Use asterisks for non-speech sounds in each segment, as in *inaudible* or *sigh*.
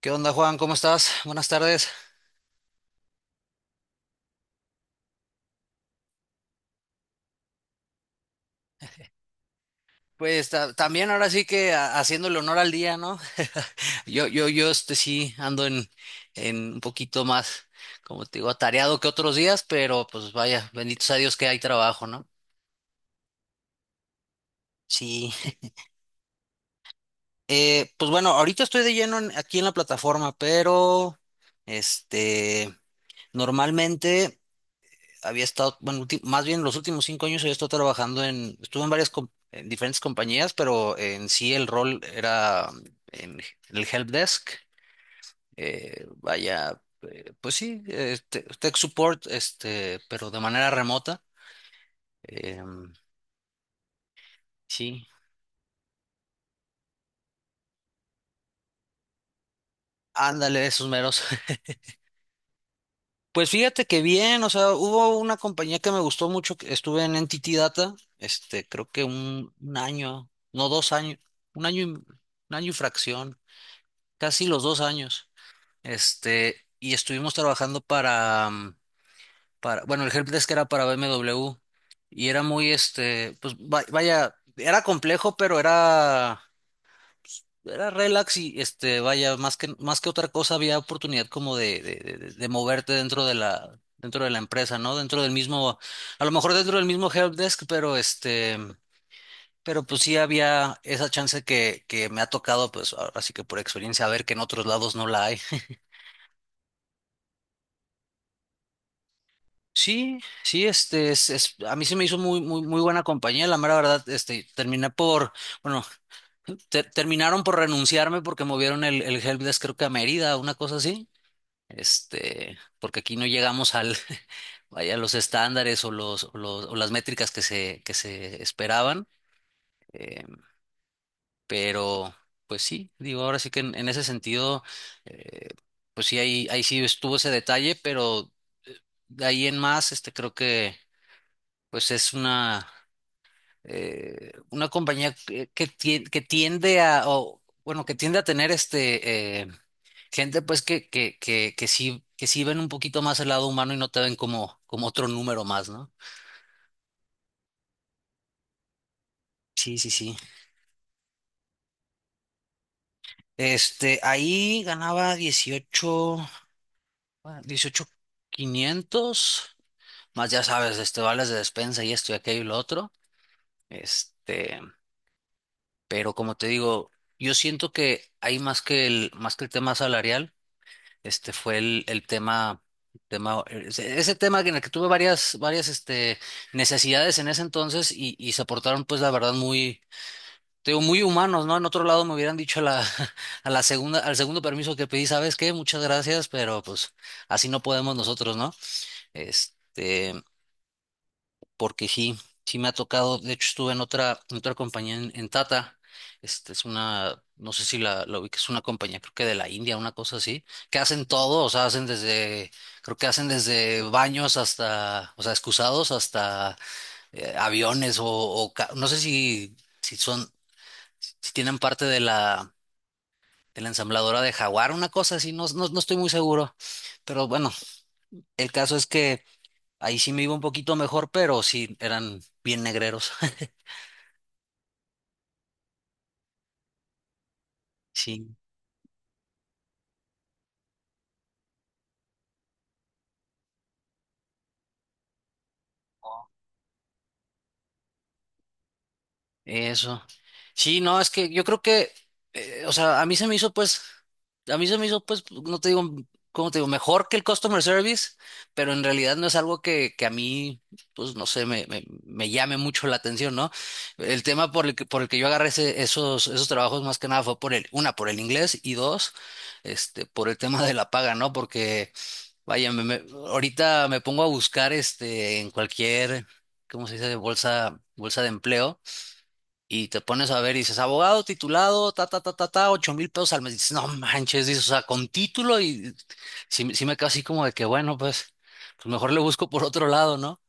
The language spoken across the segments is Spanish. ¿Qué onda, Juan? ¿Cómo estás? Buenas tardes. Pues también ahora sí que haciéndole honor al día, ¿no? *laughs* Yo, sí ando en un poquito más, como te digo, atareado que otros días, pero pues vaya, bendito sea Dios que hay trabajo, ¿no? Sí. Pues bueno, ahorita estoy de lleno aquí en la plataforma, pero este, normalmente. Había estado, bueno, más bien los últimos 5 años había estado trabajando estuve en varias, en diferentes compañías, pero en sí el rol era en el help desk, vaya, pues sí, tech support, pero de manera remota, em, sí, ándale, esos meros. *laughs* Pues fíjate que bien, o sea, hubo una compañía que me gustó mucho, que estuve en Entity Data. Creo que un año, no 2 años, un año, un año y fracción, casi los 2 años. Y estuvimos trabajando para, bueno, el helpdesk era para BMW y era muy, pues vaya, era complejo, pero era relax y, vaya, más que otra cosa había oportunidad como de moverte dentro de la empresa, ¿no? Dentro del mismo, a lo mejor dentro del mismo helpdesk, pero pero pues sí había esa chance que me ha tocado, pues, así que por experiencia, a ver que en otros lados no la hay. Sí, sí, a mí se me hizo muy, muy, muy buena compañía, la mera verdad. Terminé por, bueno, *laughs* terminaron por renunciarme porque movieron el helpdesk creo que a Mérida, una cosa así. Porque aquí no llegamos al, *laughs* vaya, los estándares o o las métricas que se esperaban, eh, pero, pues sí, digo, ahora sí que en ese sentido, eh, pues sí, ahí sí estuvo ese detalle, pero eh, de ahí en más, creo que pues es una compañía que tiende a, o, bueno, que tiende a tener gente pues que sí ven un poquito más el lado humano y no te ven como otro número más, ¿no? Sí, sí, sí. Ahí ganaba 18 bueno, 18,500, más ya sabes, vales de despensa y esto y aquello y lo otro. Este, pero como te digo, yo siento que hay más que el tema salarial. Este fue el tema, tema ese tema en el que tuve varias necesidades en ese entonces y se aportaron pues la verdad muy, te digo, muy humanos, ¿no? En otro lado me hubieran dicho *laughs* a la segunda, al segundo permiso que pedí, ¿sabes qué? Muchas gracias, pero pues así no podemos nosotros, ¿no? Este, Porque sí, sí me ha tocado. De hecho, estuve en otra compañía en Tata. Este es una, no sé si la ubiques, es una compañía, creo que de la India, una cosa así, que hacen todo, o sea, hacen desde, creo que hacen desde baños hasta, o sea, excusados hasta aviones no sé si son, si tienen parte de la ensambladora de Jaguar, una cosa así. No, no, no estoy muy seguro, pero bueno, el caso es que ahí sí me iba un poquito mejor, pero sí eran bien negreros. *laughs* Sí, eso. Sí, no, es que yo creo que, o sea, a mí se me hizo pues, a mí se me hizo pues, no te digo, ¿cómo te digo? Mejor que el customer service, pero en realidad no es algo que a mí, pues, no sé, me llame mucho la atención, ¿no? El tema por el que yo agarré esos trabajos más que nada fue por el, una, por el inglés y dos, por el tema de la paga, ¿no? Porque, vaya, ahorita me pongo a buscar, en cualquier, ¿cómo se dice? Bolsa, bolsa de empleo. Y te pones a ver y dices, abogado titulado, ta, ta, ta, ta, ta, 8,000 pesos al mes. Dices, no manches, dices, o sea, con título y sí, sí me quedo así como de que, bueno, pues, pues mejor le busco por otro lado, ¿no?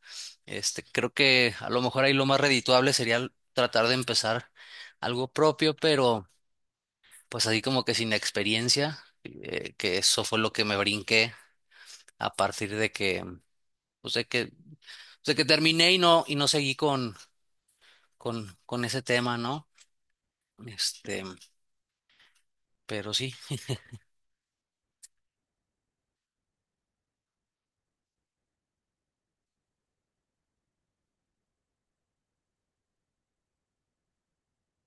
Creo que a lo mejor ahí lo más redituable sería tratar de empezar algo propio, pero pues así como que sin experiencia, que eso fue lo que me brinqué a partir de que, pues de que terminé y no seguí con ese tema, ¿no? Este, pero sí,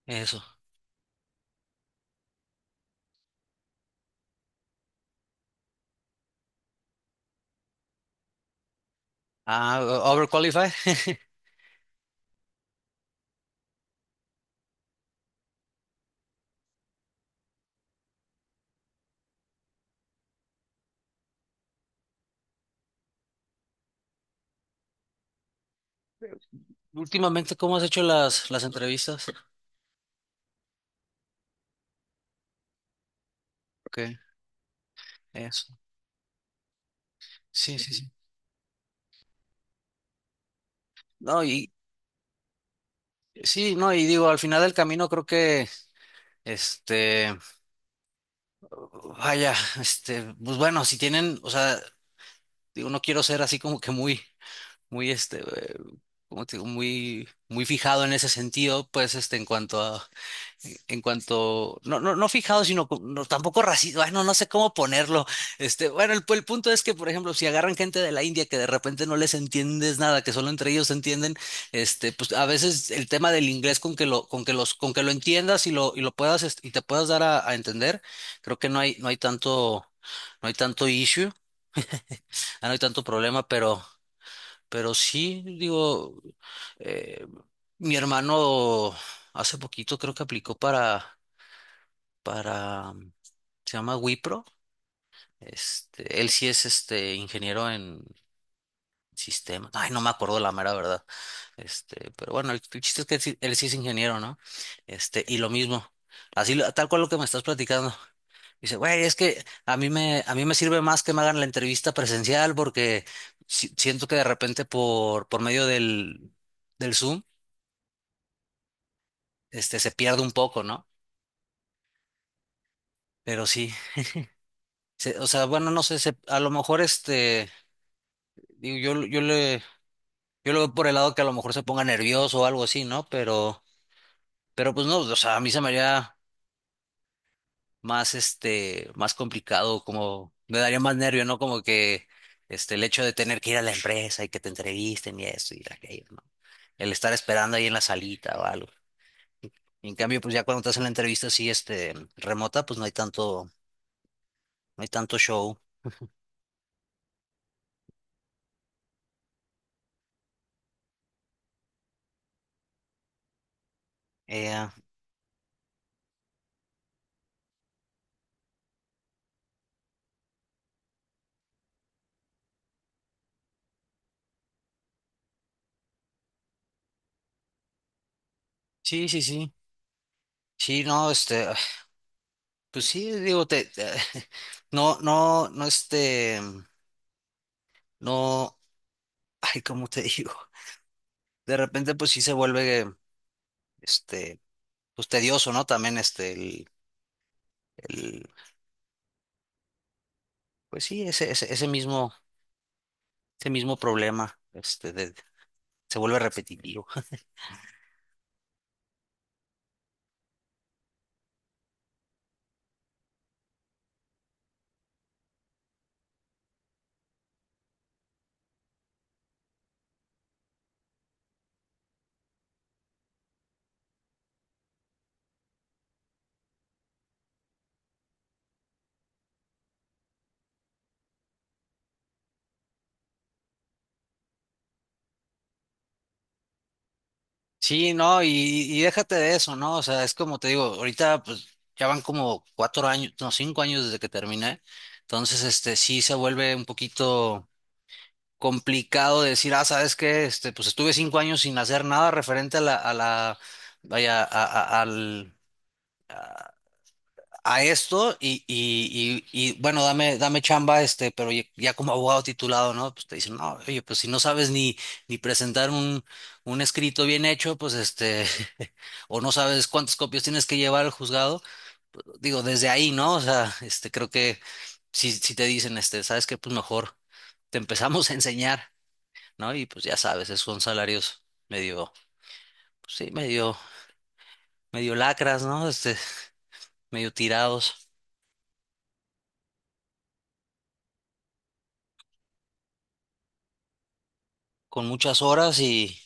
eso. Ah, overqualified. *laughs* Últimamente, ¿cómo has hecho las entrevistas? *laughs* Ok, eso. Sí, sí, sí. No, y sí, no, y digo, al final del camino creo que, este, vaya, pues bueno, si tienen, o sea, digo, no quiero ser así como que muy, muy, como te digo, muy, muy fijado en ese sentido, pues, en cuanto a en cuanto, no, no, no fijado, sino no, tampoco racista, no no sé cómo ponerlo. Bueno, el punto es que, por ejemplo, si agarran gente de la India que de repente no les entiendes nada, que solo entre ellos se entienden, pues a veces el tema del inglés con que lo, con que los, con que lo entiendas y lo puedas, y te puedas dar a entender, creo que no hay, no hay tanto, no hay tanto issue, ah, no hay tanto problema, pero sí, digo, eh, mi hermano hace poquito creo que aplicó para para, se llama Wipro. Él sí es ingeniero en sistemas, ay, no me acuerdo la mera verdad. Pero bueno, el chiste es que él sí es ingeniero, ¿no? Y lo mismo, así, tal cual lo que me estás platicando. Dice, güey, es que a mí me sirve más que me hagan la entrevista presencial porque siento que de repente por medio del Zoom, se pierde un poco, ¿no? Pero sí, o sea, bueno, no sé, a lo mejor digo, yo lo veo por el lado que a lo mejor se ponga nervioso o algo así, ¿no? Pero pues no, o sea, a mí se me haría más, más complicado, como me daría más nervio, ¿no? Como que, el hecho de tener que ir a la empresa y que te entrevisten y esto y aquello, ¿no? El estar esperando ahí en la salita o algo. Y en cambio, pues ya cuando estás en la entrevista así, remota, pues no hay tanto show. Eh, sí, sí, sí. Sí, no, *sighs* pues sí, digo, *laughs* no, no, no, no. Ay, ¿cómo te *laughs* digo? De repente, pues sí se vuelve, este, pues tedioso, ¿no? También, el, pues sí, ese mismo problema, de, se vuelve repetitivo. *laughs* Sí, no, y déjate de eso, ¿no? O sea, es como te digo, ahorita, pues, ya van como 4 años, no, 5 años desde que terminé. Entonces, sí se vuelve un poquito complicado de decir, ah, ¿sabes qué? Pues estuve 5 años sin hacer nada referente vaya, a- al, a esto y, bueno, dame chamba, pero ya como abogado titulado, ¿no? Pues te dicen, no, oye, pues si no sabes ni presentar un escrito bien hecho, pues *laughs* o no sabes cuántas copias tienes que llevar al juzgado, pues, digo, desde ahí, ¿no? O sea, creo que si te dicen, ¿sabes qué? Pues mejor te empezamos a enseñar, ¿no? Y pues ya sabes, esos son salarios medio, pues, sí, medio lacras, ¿no? Medio tirados, con muchas horas y...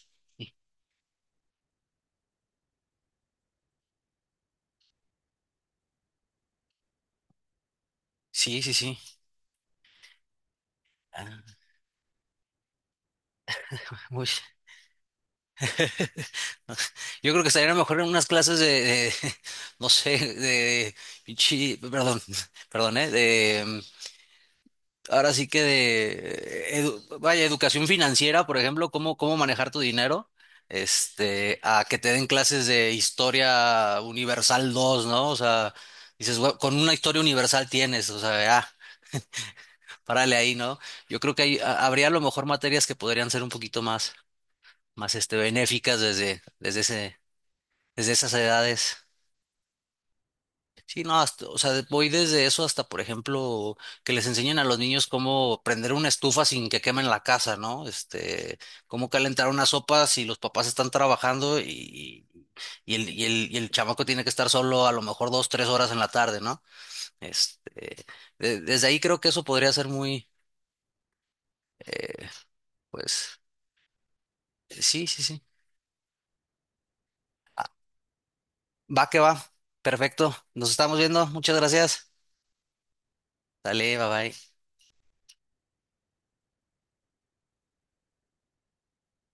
Sí, sí, sí. Ah, uy, no sé. Yo creo que estaría mejor en unas clases *laughs* no sé, de, perdón, *laughs* perdón, ¿eh? De, ahora sí que de, vaya, educación financiera, por ejemplo, cómo manejar tu dinero, a que te den clases de historia universal dos, ¿no? O sea, dices: "Güey, con una historia universal tienes, o sea, ah, párale ahí", ¿no? Yo creo que habría a lo mejor materias que podrían ser un poquito más, más benéficas desde esas edades. Sí, no, o sea, voy desde eso hasta, por ejemplo, que les enseñen a los niños cómo prender una estufa sin que quemen la casa, ¿no? Cómo calentar una sopa si los papás están trabajando y el chamaco tiene que estar solo a lo mejor 2, 3 horas en la tarde, ¿no? Este, Desde ahí creo que eso podría ser muy, eh, pues, sí, sí, sí. Va que va. Perfecto. Nos estamos viendo. Muchas gracias. Dale, bye bye.